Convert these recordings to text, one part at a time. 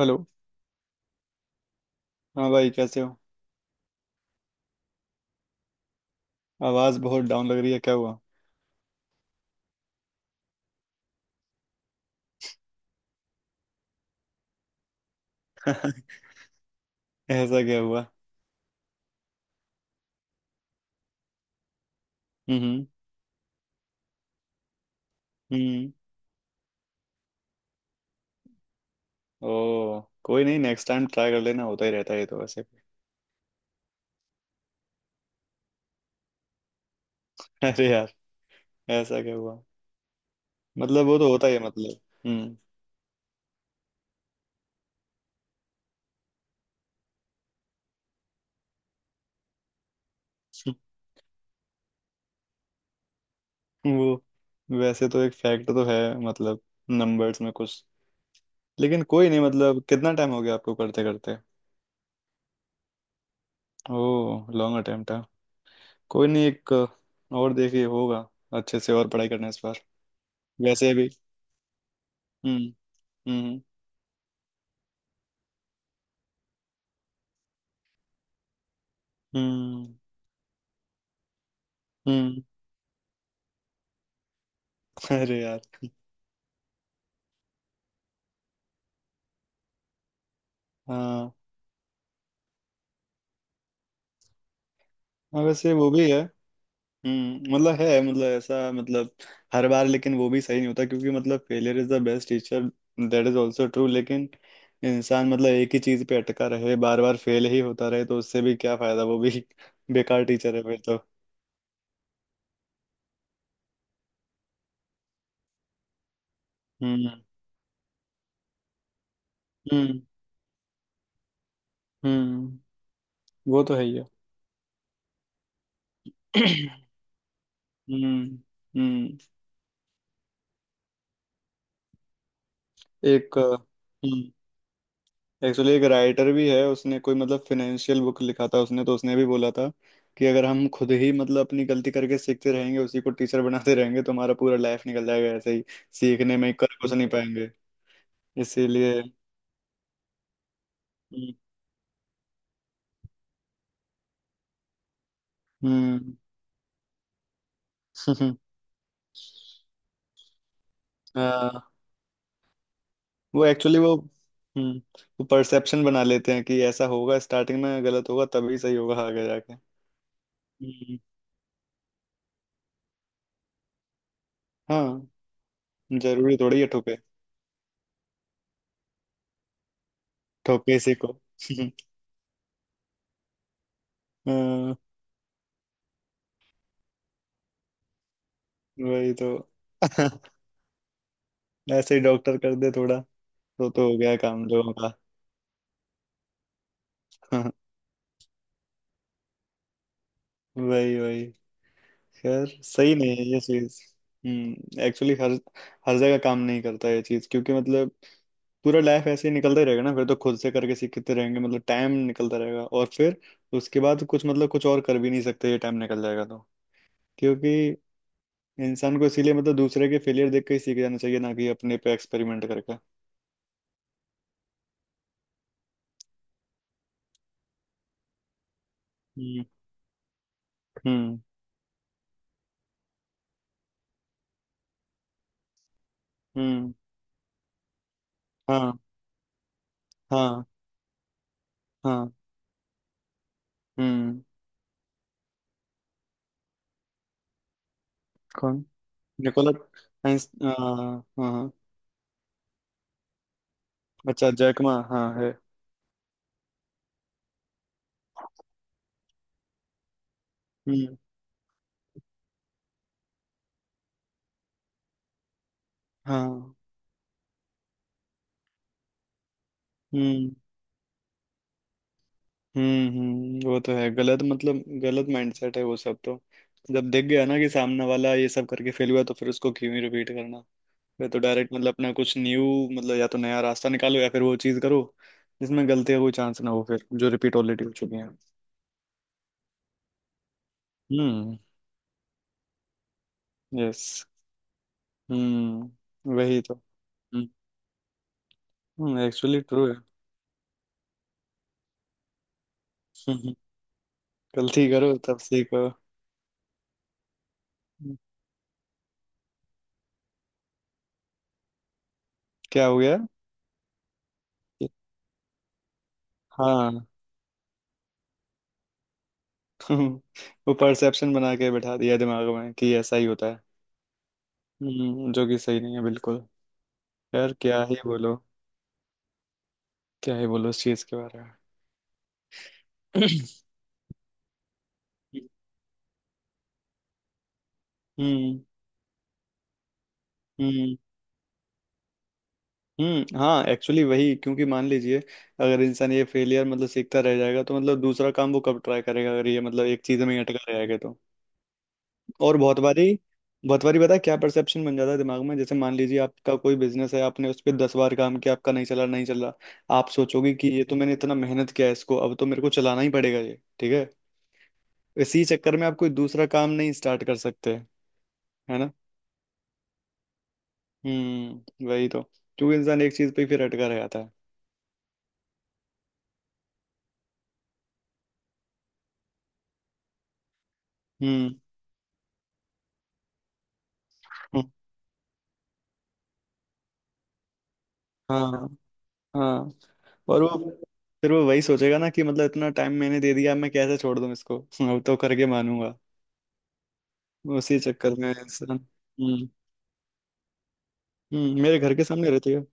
Hello. हाँ भाई, कैसे हो? आवाज बहुत डाउन लग रही है, क्या हुआ? ऐसा क्या हुआ? हम्म। हम्म। ओ, कोई नहीं, नेक्स्ट टाइम ट्राई कर लेना, होता ही रहता है ये तो वैसे भी। अरे यार, ऐसा क्या हुआ? मतलब वो तो होता ही है, मतलब। हम्म। वो, वैसे तो एक फैक्ट तो है, मतलब नंबर्स में कुछ। लेकिन कोई नहीं, मतलब कितना टाइम हो गया आपको करते करते? ओ, लॉन्ग अटेम्प्ट है। कोई नहीं, एक और देखिए, होगा। अच्छे से और पढ़ाई करना इस बार, वैसे भी। हम्म। हम्म। हम्म। हम्म। अरे यार। हाँ हाँ, वैसे वो भी है। मतलब है, मतलब ऐसा, मतलब हर बार। लेकिन वो भी सही नहीं होता, क्योंकि मतलब failure is the best teacher, that is also true, लेकिन इंसान मतलब एक ही चीज पे अटका रहे, बार बार फेल ही होता रहे, तो उससे भी क्या फायदा? वो भी बेकार टीचर है फिर तो। हम्म। हम्म। हम्म। वो तो है ही है। हम्म। हम्म। एक एक्चुअली एक राइटर भी है, उसने कोई मतलब फिनेंशियल बुक लिखा था, उसने तो उसने भी बोला था कि अगर हम खुद ही मतलब अपनी गलती करके सीखते रहेंगे, उसी को टीचर बनाते रहेंगे, तो हमारा पूरा लाइफ निकल जाएगा ऐसे ही, सीखने में कर कुछ नहीं पाएंगे, इसीलिए। हम्म। हम्म, हाँ। वो एक्चुअली, वो, हम्म वो परसेप्शन बना लेते हैं कि ऐसा होगा, स्टार्टिंग में गलत होगा तभी सही होगा आगे जाके। हम्म, हाँ। जरूरी थोड़ी है ठोके, ठोके इसी को। हाँ, वही तो। ऐसे ही डॉक्टर कर दे थोड़ा, तो हो गया काम लोगों का। वही वही। खैर सही नहीं है ये चीज। एक्चुअली हर हर जगह काम नहीं करता ये चीज, क्योंकि मतलब पूरा लाइफ ऐसे ही निकलता ही रहेगा ना, फिर तो खुद से करके सीखते रहेंगे, मतलब टाइम निकलता रहेगा और फिर उसके बाद कुछ मतलब कुछ और कर भी नहीं सकते, ये टाइम निकल जाएगा तो, क्योंकि इंसान को इसीलिए मतलब दूसरे के फेलियर देख के ही सीख जाना चाहिए, ना कि अपने पे एक्सपेरिमेंट करके। हम्म। हम्म। हम्म। हाँ। हाँ। हाँ। हम्म। कौन? Nikola science? हाँ हाँ। अच्छा जैकमा, हाँ है। हम्म। हाँ। हम्म। हम्म। हम्म। वो तो है गलत, मतलब गलत माइंडसेट है वो, सब तो जब देख गया ना कि सामने वाला ये सब करके फेल हुआ, तो फिर उसको क्यों ही रिपीट करना? फिर तो डायरेक्ट मतलब अपना कुछ न्यू, मतलब या तो नया रास्ता निकालो, या फिर वो चीज़ करो जिसमें गलती का कोई चांस ना हो, फिर जो रिपीट ऑलरेडी हो चुकी है। हम्म। यस। हम्म, वही तो। एक्चुअली ट्रू है। गलती करो तब सीखो। क्या हो गया? हाँ। वो परसेप्शन बना के बैठा दिया दिमाग में कि ऐसा ही होता है। जो कि सही नहीं है बिल्कुल। यार क्या ही बोलो, क्या ही बोलो इस चीज के बारे में। हम्म। हम्म। हम्म, हाँ एक्चुअली वही, क्योंकि मान लीजिए अगर इंसान ये फेलियर मतलब सीखता रह जाएगा, तो मतलब दूसरा काम वो कब ट्राई करेगा, अगर ये मतलब एक चीज में ही अटका रहेगा। और बहुत बारी पता है क्या परसेप्शन बन जाता है दिमाग में? जैसे मान लीजिए आपका कोई बिजनेस है, आपने उस पर 10 बार काम किया, आपका नहीं चला, नहीं चला। आप सोचोगे कि ये तो मैंने इतना मेहनत किया है इसको, अब तो मेरे को चलाना ही पड़ेगा ये, ठीक है। इसी चक्कर में आप कोई दूसरा काम नहीं स्टार्ट कर सकते। है ना? हम्म, वही तो, क्योंकि इंसान एक चीज पे ही फिर अटका रह जाता है। हम्म। हम्म, हाँ। हाँ। और वो फिर वो वही सोचेगा ना कि मतलब इतना टाइम मैंने दे दिया, मैं कैसे छोड़ दूं इसको। अब तो करके मानूंगा। उसी चक्कर में इंसान, मेरे घर के सामने रहती है।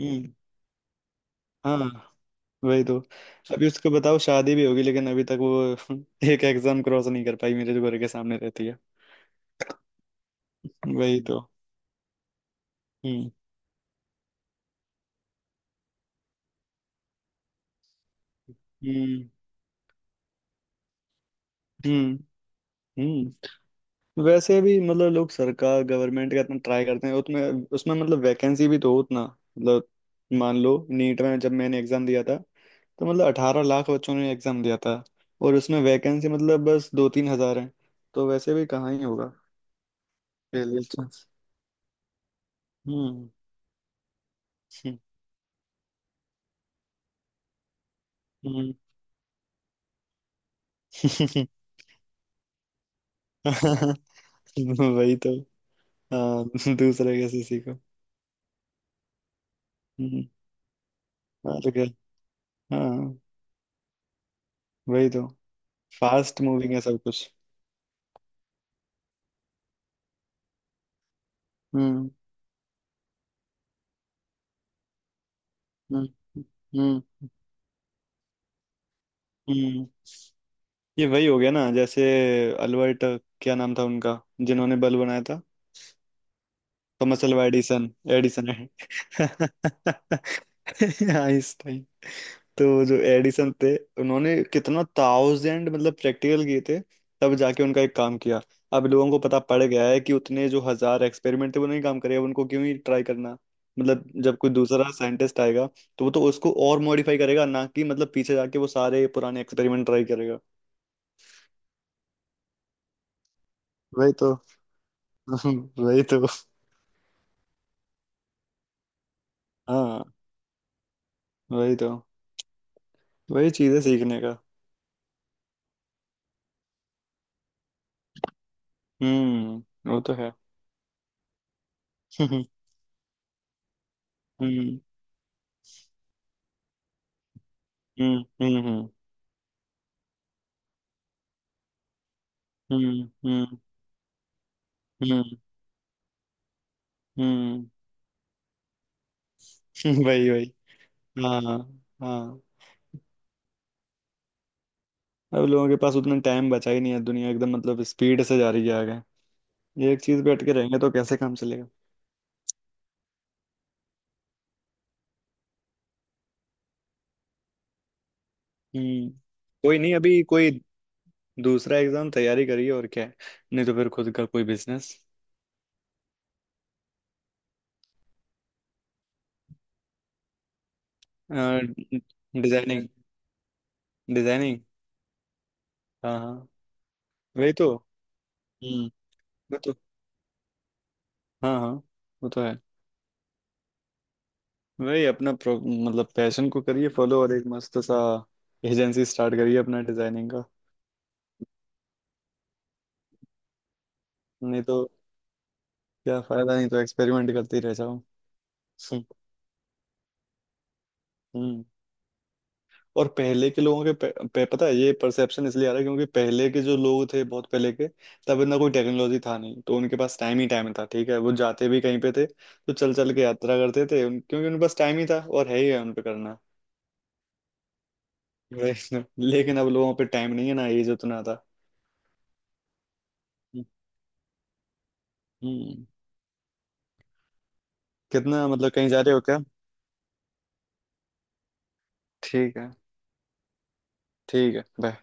हम्म। हाँ। वही तो, अभी उसको बताओ शादी भी होगी, लेकिन अभी तक वो एक एग्जाम क्रॉस नहीं कर पाई, मेरे जो घर के सामने रहती है। वही तो। हम्म। हम्म। हम्म। हम्म। वैसे भी मतलब लोग सरकार, गवर्नमेंट का इतना ट्राई करते हैं, उसमें उसमें मतलब वैकेंसी भी तो हो उतना, मतलब मान लो नीट में जब मैंने एग्जाम दिया था, तो मतलब 18 लाख बच्चों ने एग्जाम दिया था, और उसमें वैकेंसी मतलब बस 2-3 हजार है, तो वैसे भी कहाँ ही होगा के लिए चांस। हम्म। हम्म। वही तो। हाँ। दूसरे कैसे सीखो। हम्म। और क्या। हाँ। वही तो। फास्ट मूविंग है सब कुछ। हम्म। हम्म। हम्म। हम्म। ये वही हो गया ना जैसे अल्बर्ट, क्या नाम था उनका, जिन्होंने बल्ब बनाया था? Thomas Alva Edison. Edison. Einstein. तो जो एडिसन थे, उन्होंने कितना थाउजेंड मतलब प्रैक्टिकल किए थे, तब जाके उनका एक काम किया। अब लोगों को पता पड़ गया है कि उतने जो हजार एक्सपेरिमेंट थे वो नहीं काम करे, अब उनको क्यों ही ट्राई करना, मतलब जब कोई दूसरा साइंटिस्ट आएगा, तो वो तो उसको और मॉडिफाई करेगा ना, कि मतलब पीछे जाके वो सारे पुराने एक्सपेरिमेंट ट्राई करेगा। वही तो। वही तो। हाँ। वही तो। वही चीज है सीखने का। हम्म, वो तो है। हम्म। हम्म। हम्म। हम्म। हम्म। हम्म। हम्म। हम्म। वही वही। हाँ। हाँ। अब लोगों के पास उतना टाइम बचा ही नहीं है, दुनिया एकदम मतलब स्पीड से जा रही है आगे, ये एक चीज पे अटके रहेंगे तो कैसे काम चलेगा? हम्म। कोई नहीं, अभी कोई दूसरा एग्जाम तैयारी करिए, और क्या है, नहीं तो फिर खुद का कोई बिजनेस। डिजाइनिंग। डिजाइनिंग, हाँ हाँ। वही तो। हम्म। वो तो, हाँ हाँ, वो तो है, वही अपना मतलब पैशन को करिए फॉलो, और एक मस्त सा एजेंसी स्टार्ट करिए अपना डिजाइनिंग का। नहीं तो, क्या फायदा, नहीं तो एक्सपेरिमेंट करते ही रह जाओ। सम- हम्म। और पहले के लोगों के पे, पता है ये परसेप्शन इसलिए आ रहा है, क्योंकि पहले के जो लोग थे बहुत पहले के, तब इतना कोई टेक्नोलॉजी था नहीं, तो उनके पास टाइम ही टाइम था, ठीक है, वो जाते भी कहीं पे थे तो चल चल के यात्रा करते थे क्योंकि उनके पास टाइम ही था, और है ही है उन पे करना। वही ना। लेकिन अब लोगों पे टाइम नहीं है ना, एज उतना था। हम्म। कितना, मतलब कहीं जा रहे हो क्या? ठीक है। ठीक है, bye.